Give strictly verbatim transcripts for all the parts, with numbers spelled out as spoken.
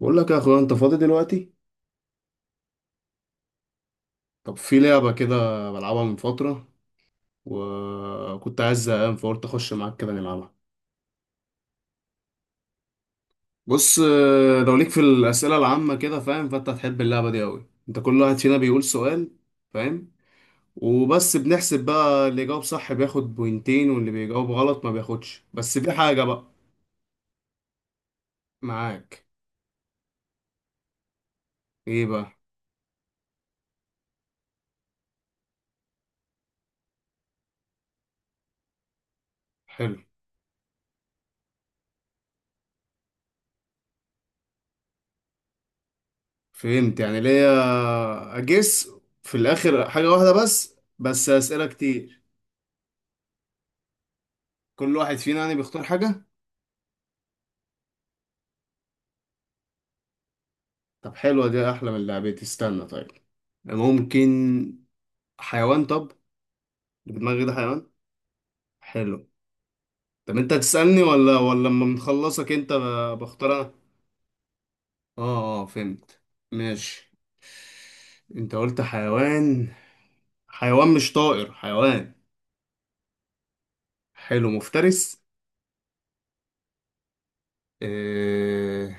بقول لك يا اخويا انت فاضي دلوقتي. طب في لعبة كده بلعبها من فترة، وكنت عايز زهقان فقلت اخش معاك كده نلعبها. بص آه، لو ليك في الأسئلة العامة كده فاهم، فانت هتحب اللعبة دي قوي. انت كل واحد فينا بيقول سؤال، فاهم؟ وبس بنحسب بقى، اللي يجاوب صح بياخد بوينتين واللي بيجاوب غلط ما بياخدش. بس في حاجة بقى معاك. ايه بقى؟ حلو. فهمت، يعني ليا اجس في الاخر حاجة واحدة بس بس أسئلة كتير. كل واحد فينا يعني بيختار حاجة. طب حلوة دي، أحلى من لعبتي. استنى طيب، ممكن حيوان؟ طب اللي في دماغي ده حيوان. حلو. طب أنت تسألني ولا ولا لما بنخلصك أنت، ب- بختار أنا؟ آه آه، فهمت. ماشي. أنت قلت حيوان. حيوان مش طائر، حيوان. حلو. مفترس؟ آه...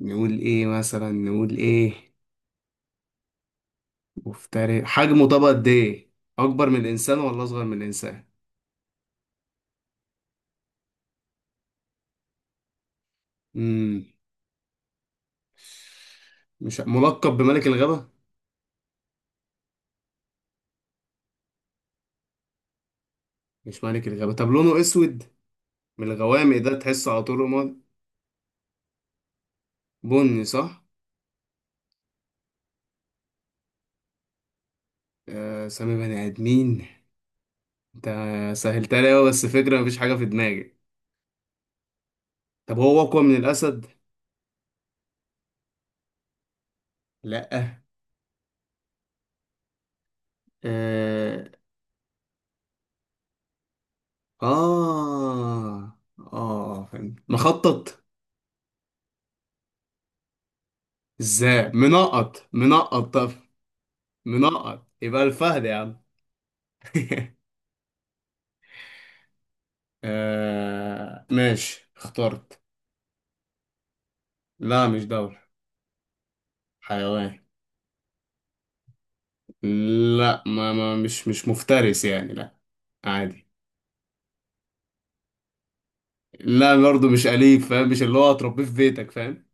نقول إيه مثلا، نقول إيه؟ مفترس حجمه طب قد إيه؟ أكبر من الإنسان ولا أصغر من الإنسان؟ مم. مش ع- ملقب بملك الغابة؟ مش ملك الغابة؟ طب لونه اسود، من الغوامق ده، تحسه على طول رماد؟ بني، صح. آه سامي بني ادمين. انت سهلتها لي أوي، بس فكرة مفيش حاجة في دماغي. طب هو اقوى من الاسد؟ لا. اه. اه, آه، فهمت. مخطط؟ ازاي، منقط منقط طب؟ منقط يبقى الفهد يا عم. آه ماشي، اخترت. لا مش دولة. حيوان. لا، ما, ما مش مش مفترس يعني، لا، عادي. لا برضه مش أليف، فاهم؟ مش اللي هو هتربيه في بيتك، فاهم؟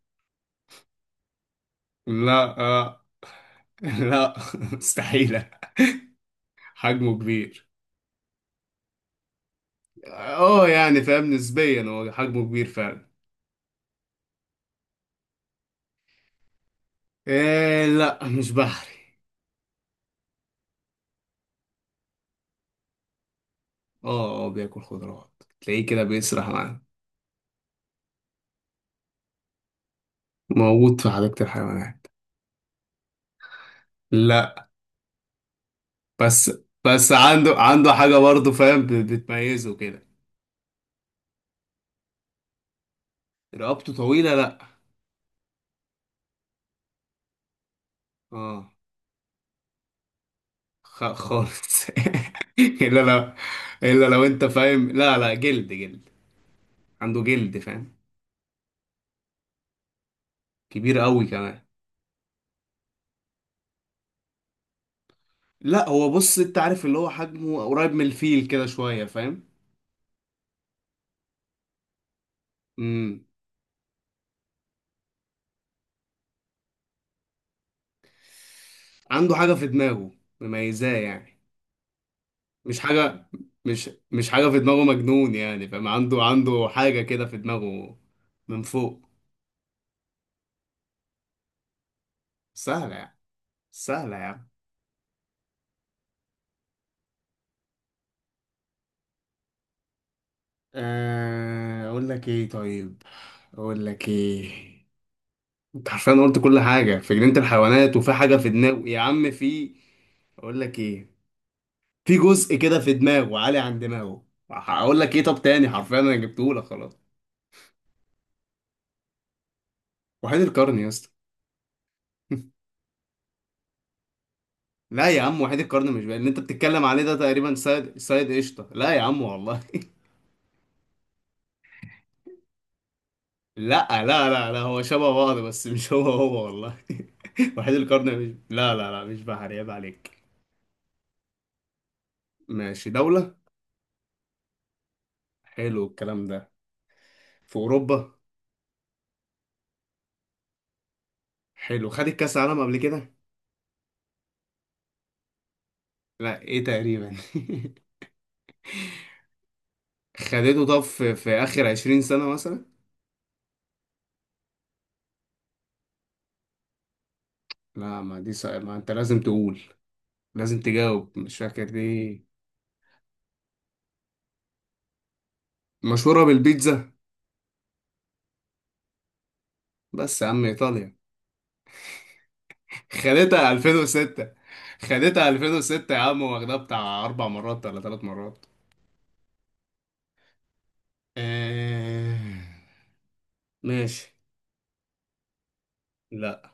لا آه. لا مستحيلة. حجمه كبير. اه يعني فاهم، نسبيا هو حجمه كبير فعلا. إيه؟ لا مش بحري. اه اه، بياكل خضروات، تلاقيه كده بيسرح معانا. موجود في حديقة الحيوانات. لا. بس بس عنده عنده حاجة برضه فاهم، بت- بتميزه كده. رقبته طويلة؟ لا. اه. خ- خالص. الا لو، الا لو انت فاهم لا لا، جلد، جلد. عنده جلد فاهم. كبير قوي كمان. لا، هو بص انت عارف اللي هو حجمه قريب من الفيل كده شويه، فاهم؟ امم. عنده حاجه في دماغه مميزاه يعني. مش حاجه، مش مش حاجه في دماغه مجنون يعني فاهم، عنده عنده حاجه كده في دماغه من فوق. سهله يعني، سهله يعني. أه، اقول لك ايه طيب، اقول لك ايه. انت حرفيا قلت كل حاجه في جنينه الحيوانات، وفي حاجه في دماغه يا عم. في، اقول لك ايه، في جزء كده في دماغه عالي عن دماغه. هقول لك ايه طب تاني، حرفيا انا جبته لك خلاص. وحيد القرن يا اسطى. لا يا عم، وحيد القرن مش بقى اللي انت بتتكلم عليه ده، تقريبا سيد سيد قشطه. لا يا عم والله. لا لا لا لا، هو شبه بعض بس مش هو هو، والله. وحيد القرن مش، لا لا لا، مش بحر، عيب عليك. ماشي، دولة. حلو الكلام ده. في أوروبا. حلو، خدت كأس عالم قبل كده؟ لا ايه تقريبا؟ خدته. طب في, في اخر عشرين سنة مثلا؟ لا ما دي صعبة، ما انت لازم تقول، لازم تجاوب. مش فاكر دي؟ مشهورة بالبيتزا. بس يا عم ايطاليا. خدتها ألفين وستة. خدتها ألفين وستة يا عم، واخدها بتاع اربع مرات ولا ثلاث مرات؟ آه... ماشي. لا.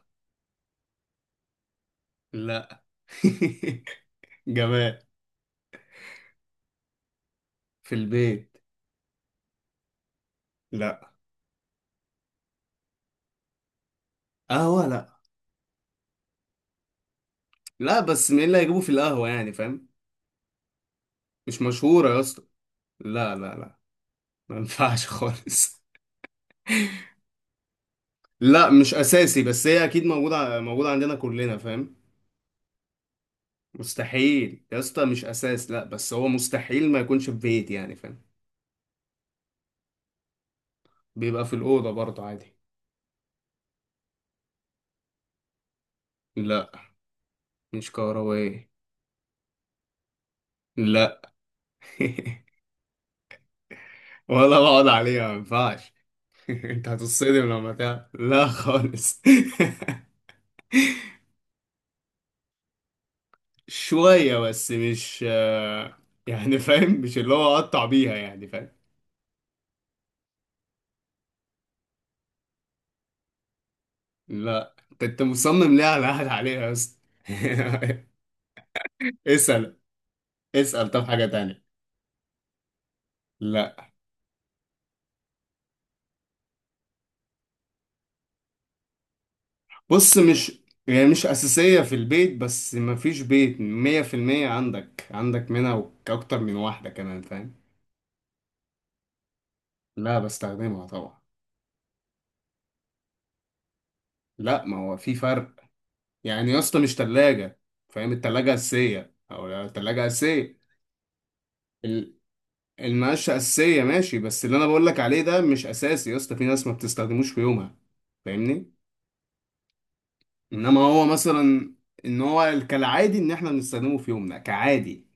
لا. جمال؟ في البيت. لا. قهوة؟ لا. لا، بس مين اللي هيجيبه في القهوة يعني، فاهم؟ مش مشهورة يا اسطى. لا لا لا، ما ينفعش خالص. لا مش اساسي، بس هي اكيد موجوده، موجوده عندنا كلنا فاهم. مستحيل يا اسطى، مش اساس، لا بس هو مستحيل ما يكونش في بيت، يعني فاهم؟ بيبقى في الاوضه برضه عادي. لا، مش كهربائي. لا. ولا بقعد عليها، ما ينفعش. انت هتصدم لما تعرف، لا خالص. شويه بس، مش آه، يعني فاهم مش اللي هو اقطع بيها، يعني فاهم. لا انت، أنت مصمم ليه على قاعد عليها يا اسطى؟ اسأل، اسأل طب حاجة تانية. لا. بص مش، يعني مش أساسية في البيت، بس مفيش بيت مية في المية، عندك عندك منها، وك- أكتر من واحدة كمان فاهم. لا بستخدمها طبعا. لا، ما هو في فرق يعني يا اسطى، مش تلاجة فاهم؟ التلاجة أساسية، أو لا التلاجة أساسية. ال- المقاشة أساسية ماشي، بس اللي أنا بقولك عليه ده مش أساسي يا اسطى، في ناس ما بتستخدموش في يومها، فاهمني؟ إنما هو مثلا، إن هو كالعادي، إن إحنا بنستخدمه في يومنا كعادي.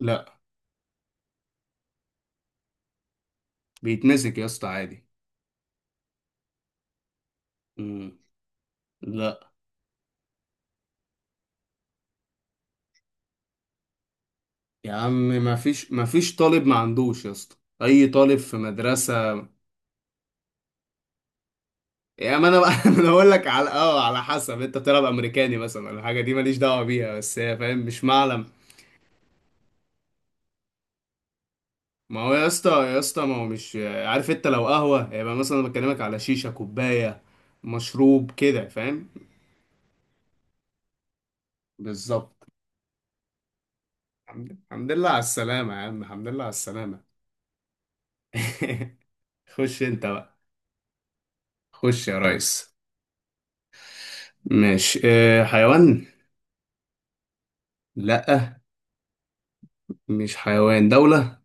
لا. بيتمسك يا اسطى عادي. مم. لا يا عم، ما فيش ما فيش طالب ما عندوش يا اسطى، اي طالب في مدرسه. يا ما انا بقى. انا بقول لك على اه على حسب، انت بتلعب امريكاني مثلا، الحاجه دي ماليش دعوه بيها، بس هي فاهم مش معلم. ما هو يا اسطى، يا اسطى ما هو، مش عارف انت لو قهوه يبقى، مثلا أنا بكلمك على شيشه، كوبايه مشروب كده، فاهم؟ بالظبط. الحمد الحمد لله على السلامه يا عم، الحمد لله على السلامه. خش انت بقى، خش يا ريس. ماشي. اه حيوان؟ لأ، مش حيوان. دولة؟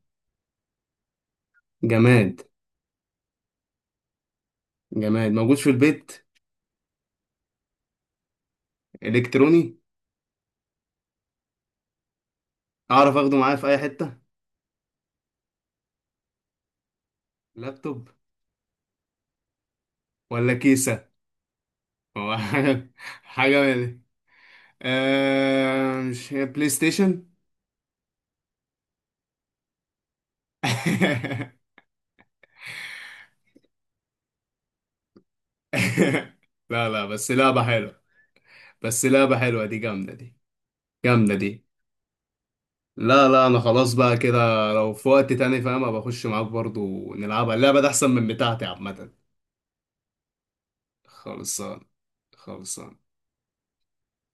جماد. جماد موجود في البيت؟ إلكتروني. أعرف أخده معايا في أي حتة. لابتوب ولا كيسة؟ هو حاجة، حاجة من آه... مش هي بلاي ستيشن؟ لا لا، بس لعبة حلوة، بس لعبة حلوة دي، جامدة دي، جامدة دي. لا لا، أنا خلاص بقى كده، لو في وقت تاني فاهم أبقى أخش معاك برضو نلعبها، اللعبة دي أحسن من بتاعتي عامة. خلصان، خلصان.